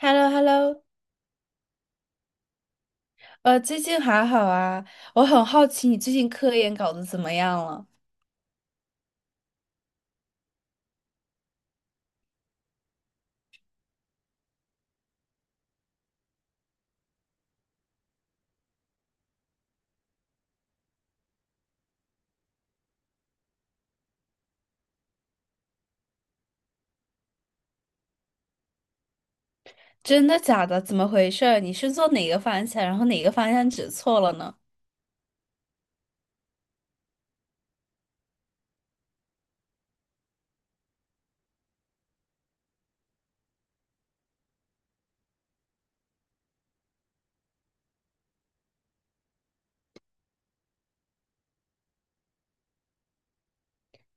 h e l l o h e l l o 最近还好啊？我很好奇你最近科研搞得怎么样了？真的假的？怎么回事儿？你是做哪个方向，然后哪个方向指错了呢？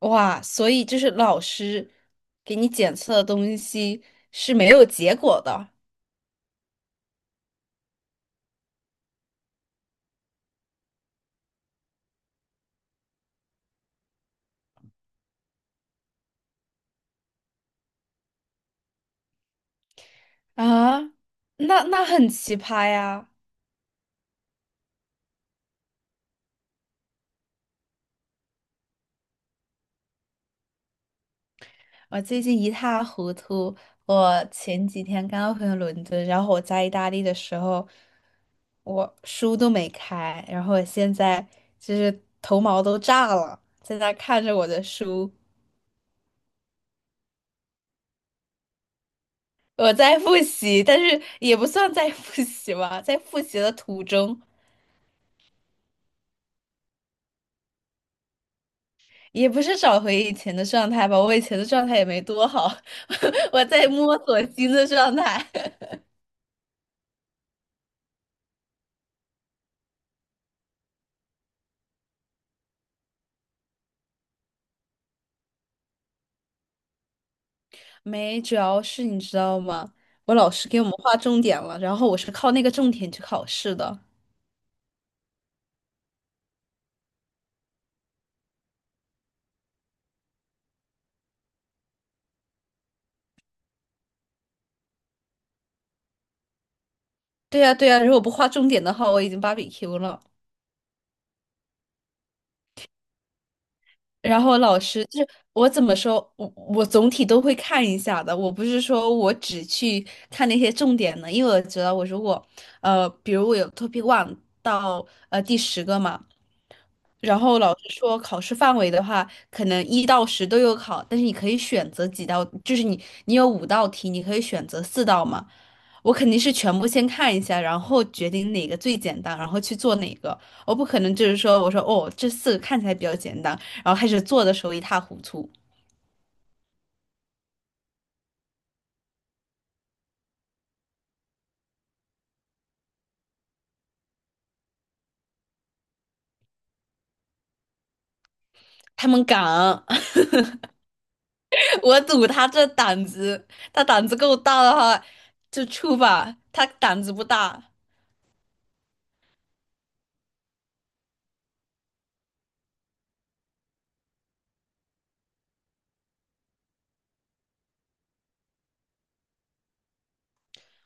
哇，所以就是老师给你检测的东西是没有结果的啊？那很奇葩呀！我最近一塌糊涂。我前几天刚回伦敦，然后我在意大利的时候，我书都没开，然后我现在就是头毛都炸了，在那看着我的书，我在复习，但是也不算在复习吧，在复习的途中，也不是找回以前的状态吧，我以前的状态也没多好，我在摸索新的状态。没，主要是你知道吗？我老师给我们划重点了，然后我是靠那个重点去考试的。对呀，对呀，如果不划重点的话，我已经芭比 Q 了。然后老师就是我怎么说，我总体都会看一下的。我不是说我只去看那些重点的，因为我觉得我如果比如我有 topic one 到第10个嘛，然后老师说考试范围的话，可能一到十都有考，但是你可以选择几道，就是你有五道题，你可以选择四道嘛。我肯定是全部先看一下，然后决定哪个最简单，然后去做哪个。我不可能就是说，我说哦，这四个看起来比较简单。然后开始做的时候一塌糊涂。他们敢，我赌他这胆子，他胆子够大的话就出吧。他胆子不大，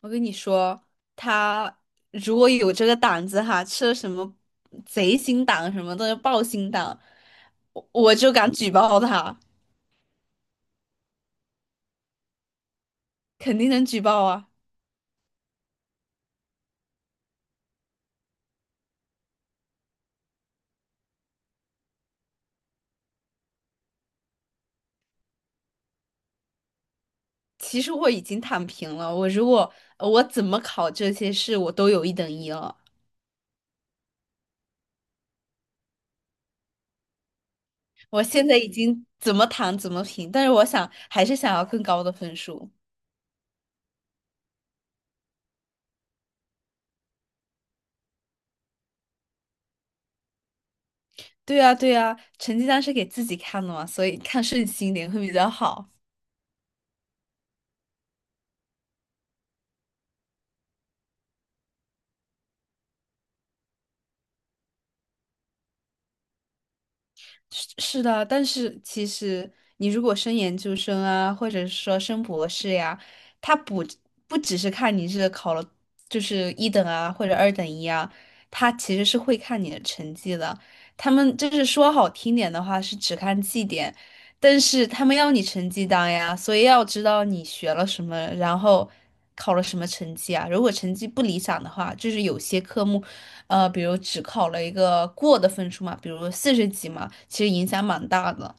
我跟你说，他如果有这个胆子哈，吃了什么贼心党什么的豹心党，我就敢举报他，肯定能举报啊。其实我已经躺平了，我如果我怎么考这些试，我都有一等一了。我现在已经怎么躺怎么平，但是我想还是想要更高的分数。对呀，对呀，成绩单是给自己看的嘛，所以看顺心一点会比较好。是是的，但是其实你如果升研究生啊，或者是说升博士呀，他不只是看你是考了就是一等啊或者二等一啊，他其实是会看你的成绩的。他们就是说好听点的话是只看绩点，但是他们要你成绩单呀，所以要知道你学了什么，然后考了什么成绩啊。如果成绩不理想的话，就是有些科目，比如只考了一个过的分数嘛，比如四十几嘛，其实影响蛮大的。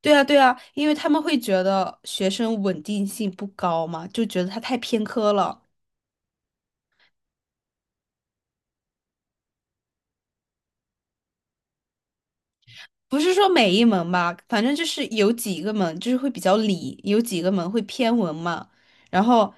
对啊，对啊，因为他们会觉得学生稳定性不高嘛，就觉得他太偏科了。不是说每一门吧，反正就是有几个门就是会比较理，有几个门会偏文嘛，然后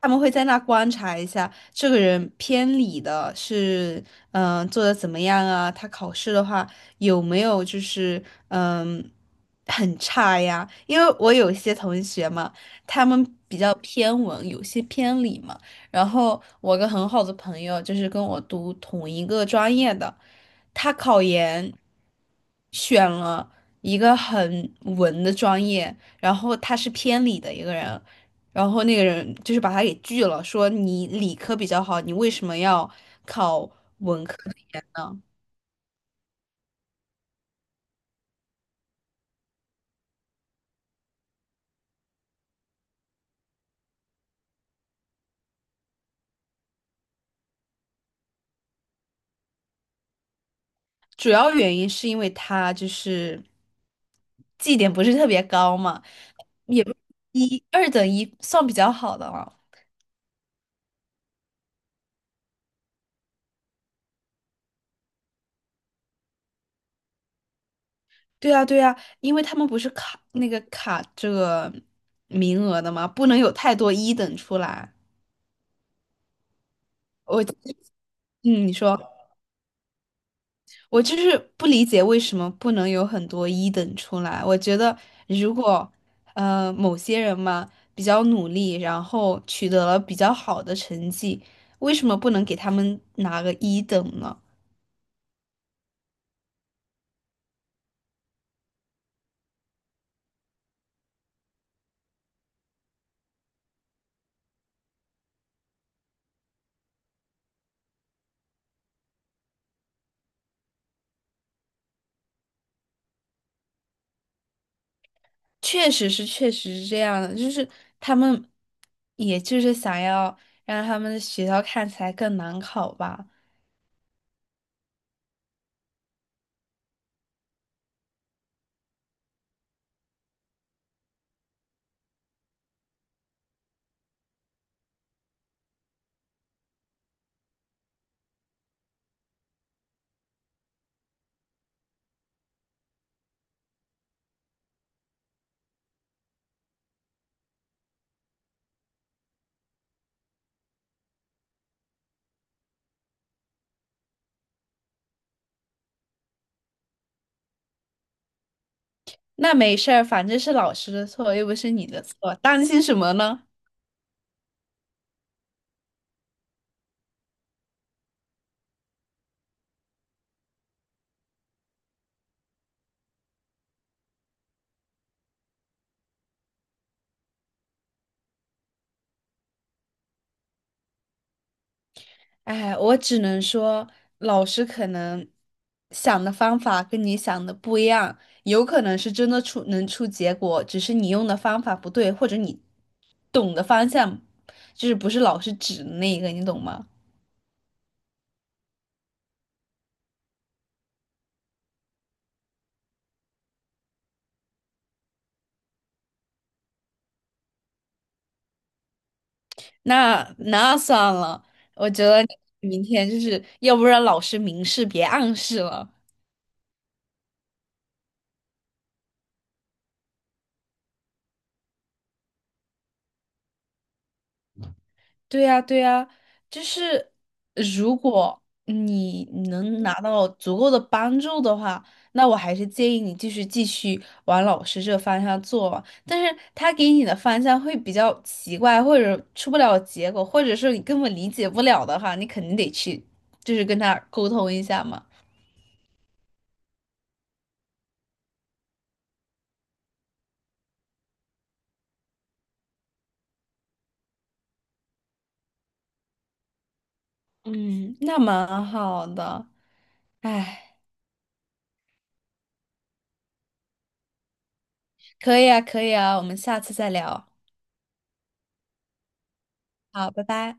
他们会在那观察一下这个人偏理的是，嗯、做的怎么样啊？他考试的话有没有就是嗯、很差呀？因为我有一些同学嘛，他们比较偏文，有些偏理嘛。然后我个很好的朋友就是跟我读同一个专业的，他考研。选了一个很文的专业，然后他是偏理的一个人，然后那个人就是把他给拒了，说你理科比较好，你为什么要考？主要原因是因为他就是绩点不是特别高嘛，也不一二等一算比较好的了。对啊，对啊，因为他们不是卡那个卡这个名额的嘛，不能有太多一等出来。我，嗯，你说。我就是不理解为什么不能有很多一等出来。我觉得如果某些人嘛比较努力，然后取得了比较好的成绩，为什么不能给他们拿个一等呢？确实是，确实是这样的，就是他们也就是想要让他们的学校看起来更难考吧。那没事儿，反正是老师的错，又不是你的错，担心什么呢？哎，我只能说，老师可能想的方法跟你想的不一样，有可能是真的出能出结果，只是你用的方法不对，或者你懂的方向就是不是老师指的那个，你懂吗？那算了，我觉得你明天就是要不然老师明示别暗示了。对呀，对呀，就是如果你能拿到足够的帮助的话，那我还是建议你继续往老师这方向做嘛。但是他给你的方向会比较奇怪，或者出不了结果，或者是你根本理解不了的话，你肯定得去，就是跟他沟通一下嘛。嗯，那蛮好的，哎，可以啊，可以啊，我们下次再聊。好，拜拜。